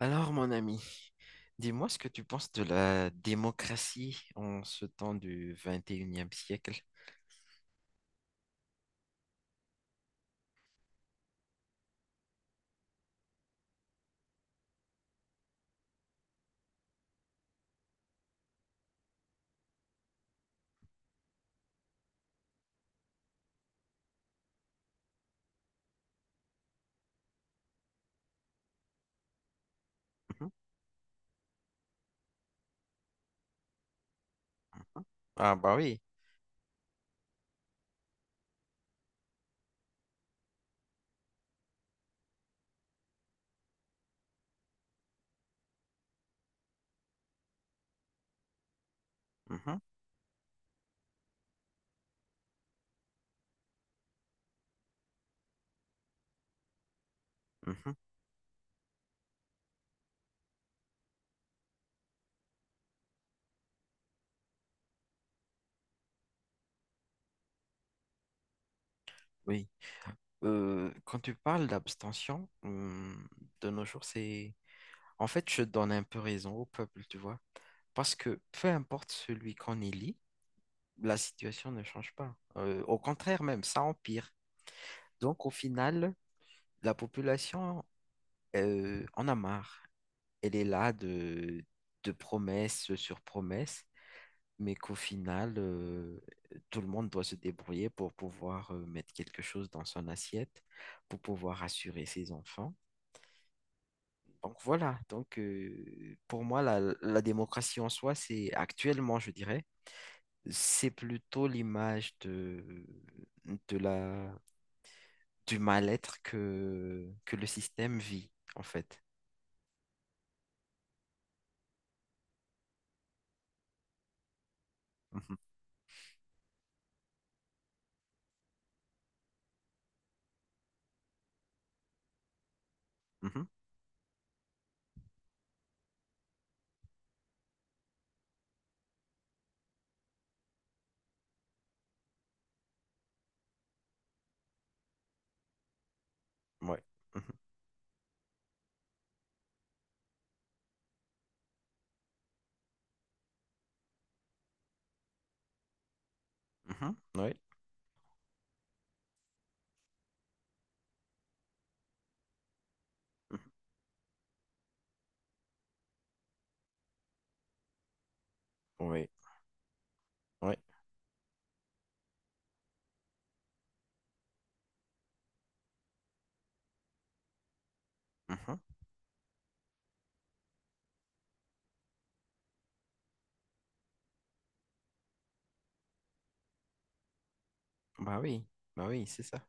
Alors, mon ami, dis-moi ce que tu penses de la démocratie en ce temps du 21e siècle. Mhm. Ah bah oui. Mhm, mhm. Oui. Quand tu parles d'abstention, de nos jours, c'est. En fait, je donne un peu raison au peuple, tu vois. Parce que peu importe celui qu'on élit, la situation ne change pas. Au contraire même, ça empire. Donc, au final, la population, en a marre. Elle est là de, promesse sur promesse, mais qu'au final, tout le monde doit se débrouiller pour pouvoir mettre quelque chose dans son assiette, pour pouvoir assurer ses enfants. Donc voilà, pour moi, la démocratie en soi, c'est actuellement, je dirais, c'est plutôt l'image de la, du mal-être que le système vit, en fait. Mhm, mhm, ouais, mhm, mhm, ouais, mhm, ouais, ouais. Mhm. Bah oui, bah oui, c'est ça.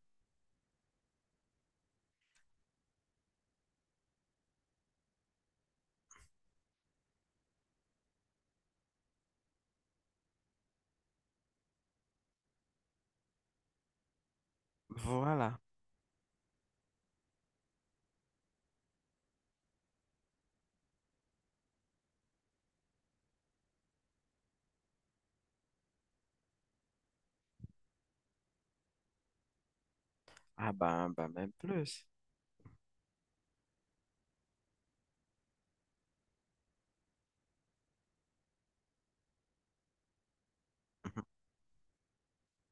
Voilà. Ah bah, bah même plus. Mhm.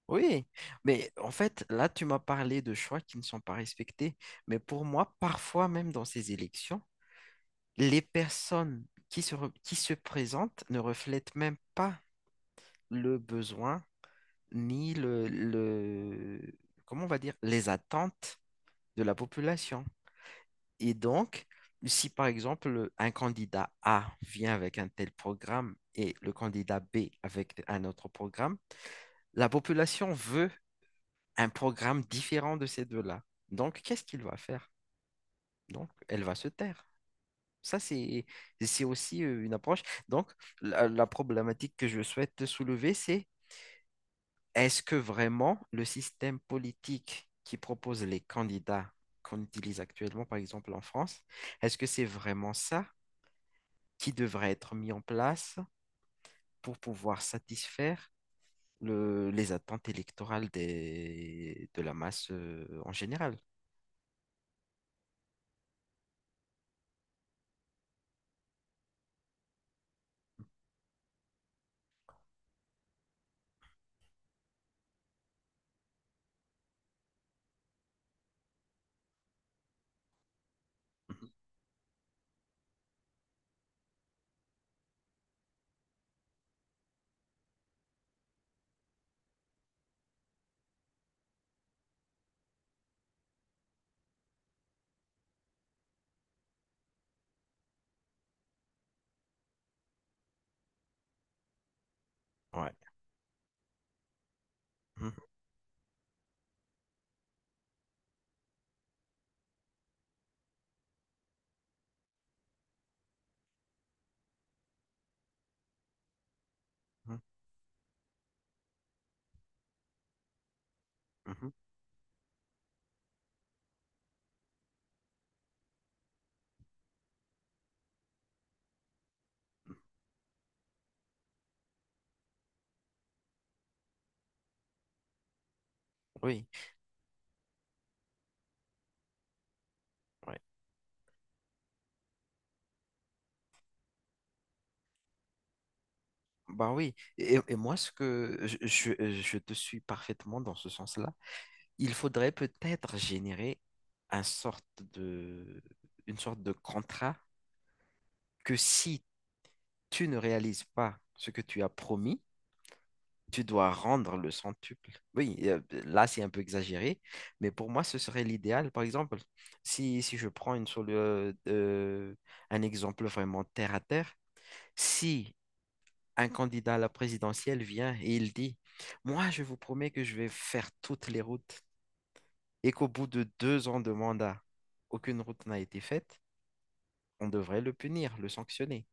Oui, mais en fait, là, tu m'as parlé de choix qui ne sont pas respectés, mais pour moi, parfois même dans ces élections, les personnes qui se présentent ne reflètent même pas le besoin ni le, comment on va dire, les attentes de la population. Et donc, si par exemple un candidat A vient avec un tel programme et le candidat B avec un autre programme, la population veut un programme différent de ces deux-là. Donc, qu'est-ce qu'il va faire? Donc, elle va se taire. Ça, c'est aussi une approche. Donc, la problématique que je souhaite soulever, c'est est-ce que vraiment le système politique qui propose les candidats qu'on utilise actuellement, par exemple en France, est-ce que c'est vraiment ça qui devrait être mis en place pour pouvoir satisfaire les attentes électorales de la masse en général. Ouais. Mhm, mhm, mhm. Oui. Ouais. Bah oui. Et moi, ce que je te suis parfaitement dans ce sens-là, il faudrait peut-être générer un sorte de, une sorte de contrat que si tu ne réalises pas ce que tu as promis, tu dois rendre le centuple. Oui, là, c'est un peu exagéré, mais pour moi, ce serait l'idéal. Par exemple, si je prends un exemple vraiment terre à terre, si un candidat à la présidentielle vient et il dit, moi, je vous promets que je vais faire toutes les routes, et qu'au bout de deux ans de mandat, aucune route n'a été faite, on devrait le punir, le sanctionner.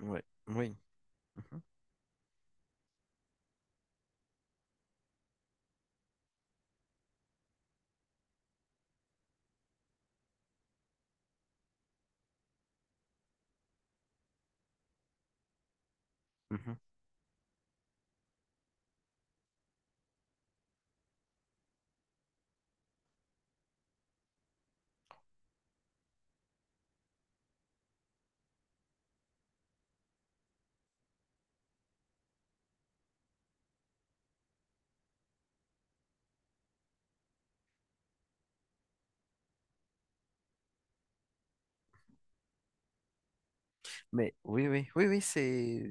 Ouais, oui. Mhm, mhm. Mais oui, oui, oui, oui,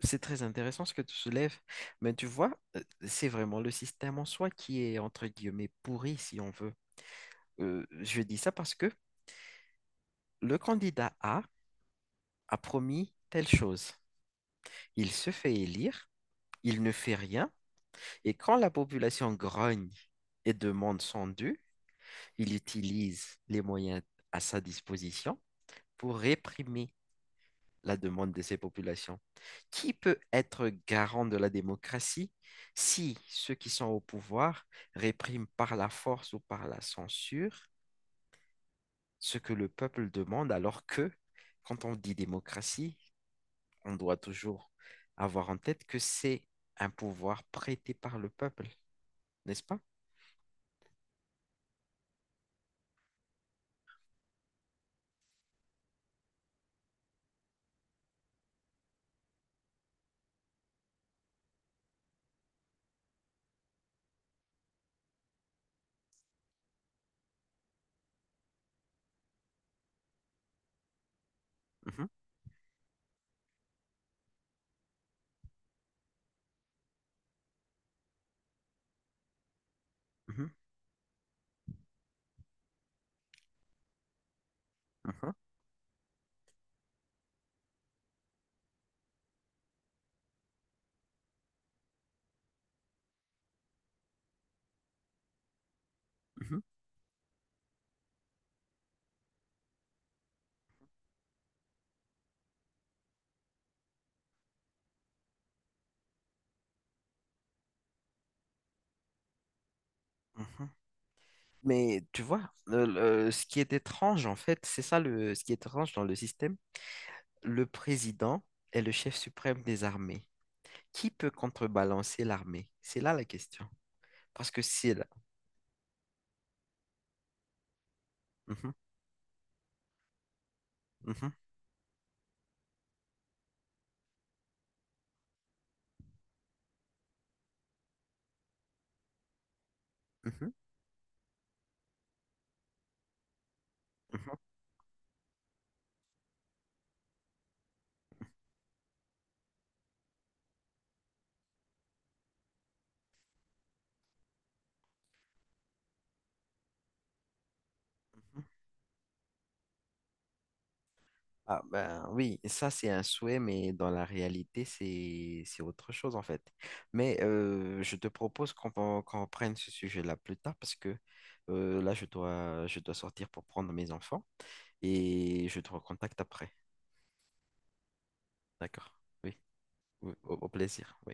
c'est très intéressant ce que tu soulèves. Mais tu vois, c'est vraiment le système en soi qui est entre guillemets pourri, si on veut. Je dis ça parce que le candidat A a promis telle chose. Il se fait élire, il ne fait rien, et quand la population grogne et demande son dû, il utilise les moyens à sa disposition pour réprimer la demande de ces populations. Qui peut être garant de la démocratie si ceux qui sont au pouvoir répriment par la force ou par la censure ce que le peuple demande alors que quand on dit démocratie, on doit toujours avoir en tête que c'est un pouvoir prêté par le peuple, n'est-ce pas? Mhm, mhm, mhm, mhm, mhm. Mais tu vois, ce qui est étrange en fait, c'est ça ce qui est étrange dans le système. Le président est le chef suprême des armées. Qui peut contrebalancer l'armée? C'est là la question. Parce que si, là-. Mhm, mhm, mhm, mhm, mhm. Ah ben oui, ça c'est un souhait, mais dans la réalité c'est autre chose en fait. Mais je te propose qu'on reprenne ce sujet-là plus tard parce que là je dois sortir pour prendre mes enfants et je te recontacte après. D'accord? Oui, oui, au plaisir. Oui.